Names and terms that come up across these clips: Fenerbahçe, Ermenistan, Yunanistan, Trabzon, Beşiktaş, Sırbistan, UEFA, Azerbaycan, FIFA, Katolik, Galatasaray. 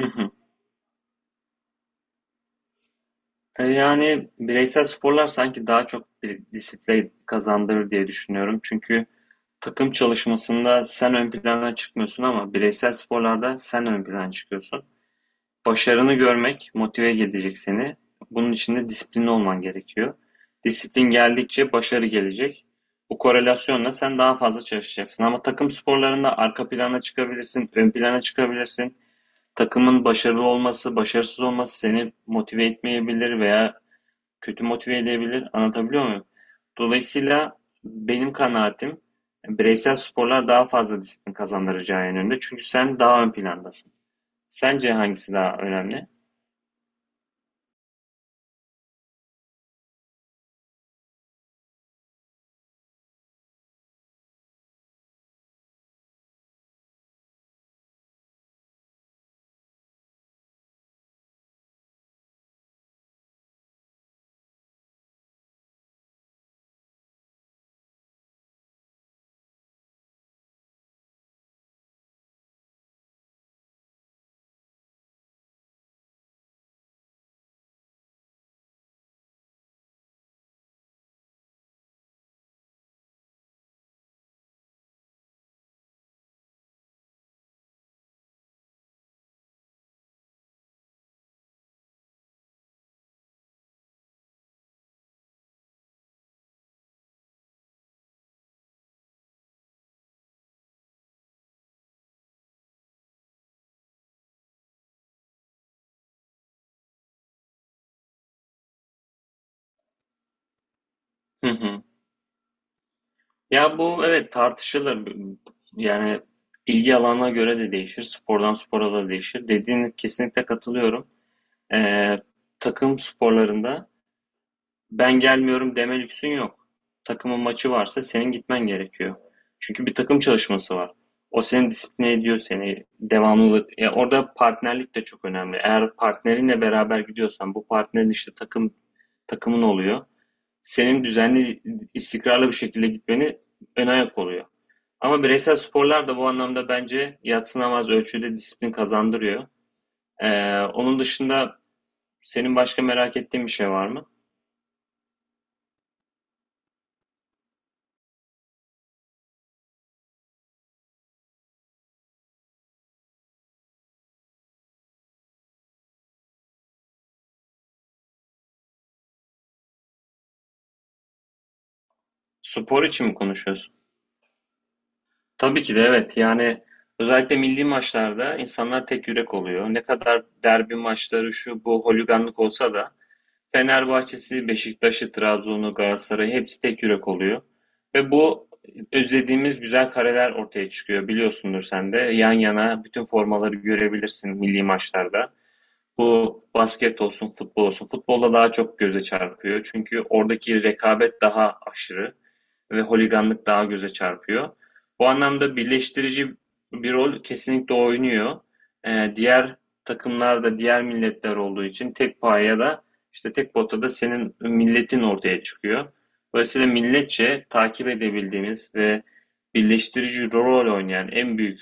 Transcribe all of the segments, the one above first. Hı hı. Yani bireysel sporlar sanki daha çok bir disiplin kazandırır diye düşünüyorum. Çünkü takım çalışmasında sen ön plana çıkmıyorsun ama bireysel sporlarda sen ön plana çıkıyorsun. Başarını görmek motive edecek seni. Bunun için de disiplinli olman gerekiyor. Disiplin geldikçe başarı gelecek. Bu korelasyonla sen daha fazla çalışacaksın. Ama takım sporlarında arka plana çıkabilirsin, ön plana çıkabilirsin. Takımın başarılı olması, başarısız olması seni motive etmeyebilir veya kötü motive edebilir. Anlatabiliyor muyum? Dolayısıyla benim kanaatim bireysel sporlar daha fazla disiplin kazandıracağı yönünde. Çünkü sen daha ön plandasın. Sence hangisi daha önemli? Hı hı. Ya bu evet tartışılır. Yani ilgi alanına göre de değişir. Spordan spora da değişir. Dediğine kesinlikle katılıyorum. Ee, Takım sporlarında ben gelmiyorum deme lüksün yok. Takımın maçı varsa senin gitmen gerekiyor. Çünkü bir takım çalışması var. O seni disipline ediyor seni devamlı. Ya orada partnerlik de çok önemli. Eğer partnerinle beraber gidiyorsan bu partnerin işte takımın oluyor. Senin düzenli istikrarlı bir şekilde gitmeni ön ayak oluyor. Ama bireysel sporlar da bu anlamda bence yadsınamaz ölçüde disiplin kazandırıyor. Onun dışında senin başka merak ettiğin bir şey var mı? Spor için mi konuşuyorsun? Tabii ki de evet. Yani özellikle milli maçlarda insanlar tek yürek oluyor. Ne kadar derbi maçları şu bu holiganlık olsa da Fenerbahçe'si, Beşiktaş'ı, Trabzon'u, Galatasaray'ı hepsi tek yürek oluyor. Ve bu özlediğimiz güzel kareler ortaya çıkıyor. Biliyorsundur sen de yan yana bütün formaları görebilirsin milli maçlarda. Bu basket olsun, futbol olsun. Futbolda daha çok göze çarpıyor. Çünkü oradaki rekabet daha aşırı ve holiganlık daha göze çarpıyor. Bu anlamda birleştirici bir rol kesinlikle oynuyor. Diğer takımlarda, diğer milletler olduğu için tek paya da işte tek potada da senin milletin ortaya çıkıyor. Dolayısıyla milletçe takip edebildiğimiz ve birleştirici rol oynayan en büyük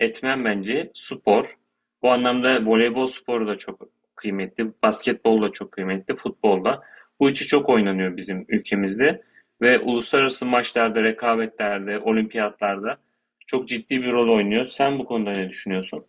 etmen bence spor. Bu anlamda voleybol sporu da çok kıymetli, basketbol da çok kıymetli, futbol da. Bu üçü çok oynanıyor bizim ülkemizde ve uluslararası maçlarda, rekabetlerde, olimpiyatlarda çok ciddi bir rol oynuyor. Sen bu konuda ne düşünüyorsun?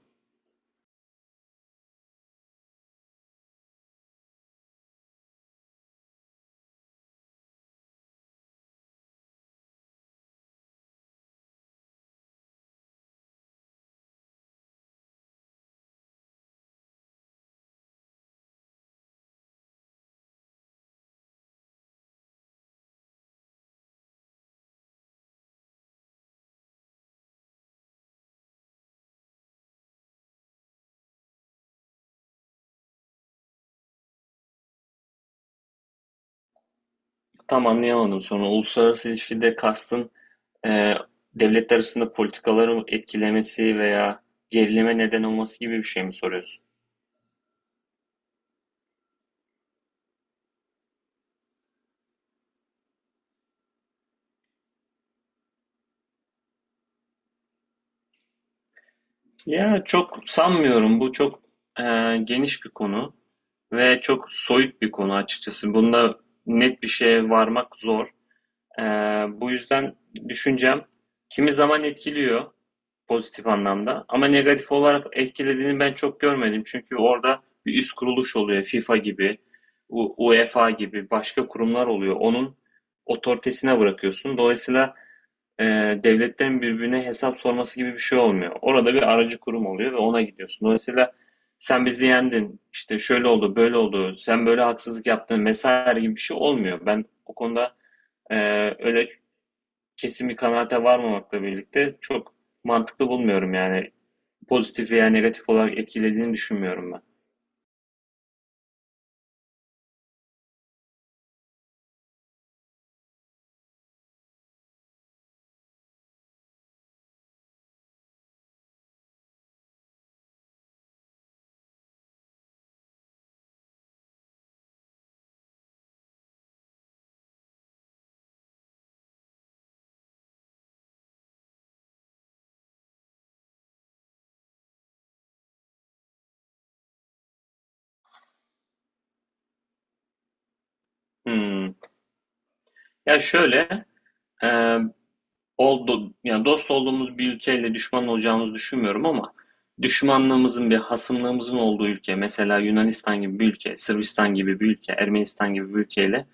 Tam anlayamadım sonra. Uluslararası ilişkide kastın e, devletler arasında politikaları etkilemesi veya gerilime neden olması gibi bir şey mi soruyorsun? Ya çok sanmıyorum. Bu çok e, geniş bir konu ve çok soyut bir konu açıkçası. Bunda net bir şeye varmak zor. E, Bu yüzden düşüncem kimi zaman etkiliyor pozitif anlamda ama negatif olarak etkilediğini ben çok görmedim. Çünkü orada bir üst kuruluş oluyor. FIFA gibi, UEFA gibi başka kurumlar oluyor. Onun otoritesine bırakıyorsun. Dolayısıyla e, devletten birbirine hesap sorması gibi bir şey olmuyor. Orada bir aracı kurum oluyor ve ona gidiyorsun. Dolayısıyla sen bizi yendin, işte şöyle oldu, böyle oldu, sen böyle haksızlık yaptın vesaire gibi bir şey olmuyor. Ben o konuda e, öyle kesin bir kanaate varmamakla birlikte çok mantıklı bulmuyorum yani. Pozitif veya negatif olarak etkilediğini düşünmüyorum ben. Hmm. Ya şöyle, e, oldu, yani dost olduğumuz bir ülkeyle düşman olacağımızı düşünmüyorum ama düşmanlığımızın bir hasımlığımızın olduğu ülke mesela Yunanistan gibi bir ülke, Sırbistan gibi bir ülke, Ermenistan gibi bir ülkeyle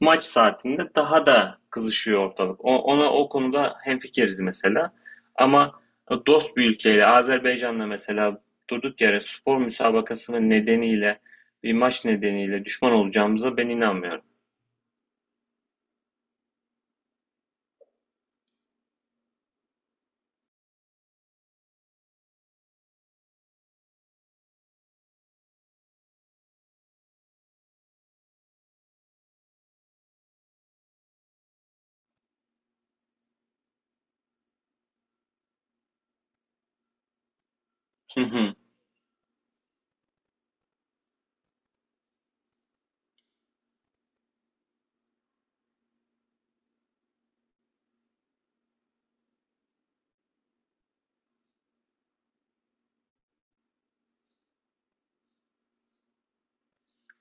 maç saatinde daha da kızışıyor ortalık. Ona o konuda hemfikiriz mesela. Ama dost bir ülkeyle Azerbaycan'la mesela durduk yere spor müsabakasının nedeniyle bir maç nedeniyle düşman olacağımıza ben inanmıyorum. Hı hı.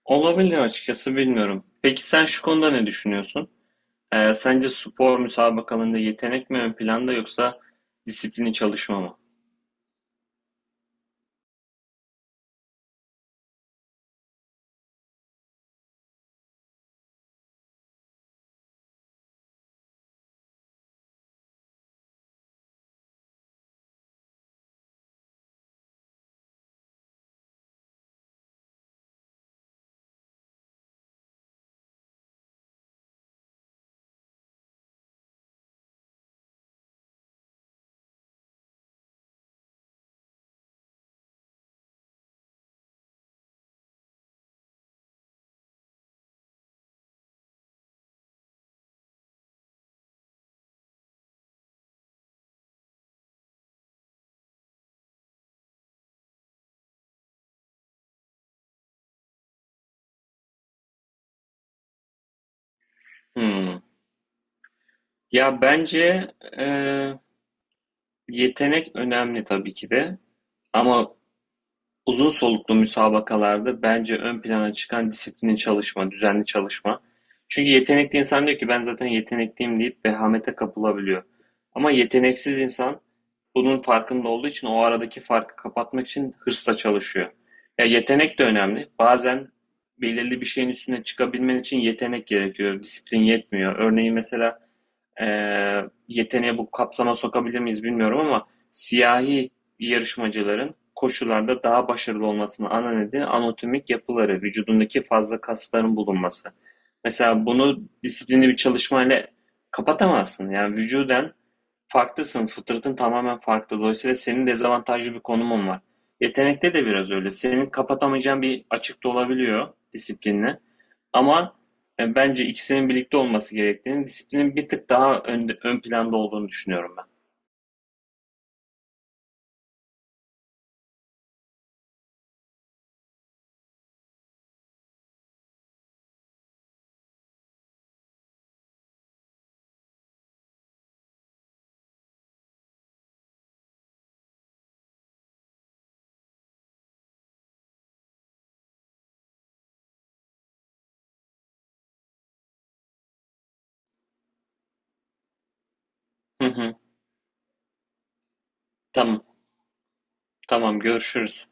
Olabilir açıkçası bilmiyorum. Peki sen şu konuda ne düşünüyorsun? Sence spor müsabakalarında yetenek mi ön planda yoksa disiplini çalışma mı? Hmm. Ya bence e, yetenek önemli tabii ki de ama uzun soluklu müsabakalarda bence ön plana çıkan disiplinin çalışma, düzenli çalışma. Çünkü yetenekli insan diyor ki ben zaten yetenekliyim deyip vehamete kapılabiliyor. Ama yeteneksiz insan bunun farkında olduğu için o aradaki farkı kapatmak için hırsla çalışıyor. Ya yetenek de önemli. Bazen belirli bir şeyin üstüne çıkabilmen için yetenek gerekiyor. Disiplin yetmiyor. Örneğin mesela e, yeteneği bu kapsama sokabilir miyiz bilmiyorum ama siyahi yarışmacıların koşularda daha başarılı olmasının ana nedeni anatomik yapıları, vücudundaki fazla kasların bulunması. Mesela bunu disiplinli bir çalışmayla kapatamazsın. Yani vücuden farklısın, fıtratın tamamen farklı. Dolayısıyla senin dezavantajlı bir konumun var. Yetenekte de biraz öyle. Senin kapatamayacağın bir açıkta olabiliyor disiplinle. Ama bence ikisinin birlikte olması gerektiğini, disiplinin bir tık daha ön planda olduğunu düşünüyorum ben. Hı hı. Tamam, tamam görüşürüz.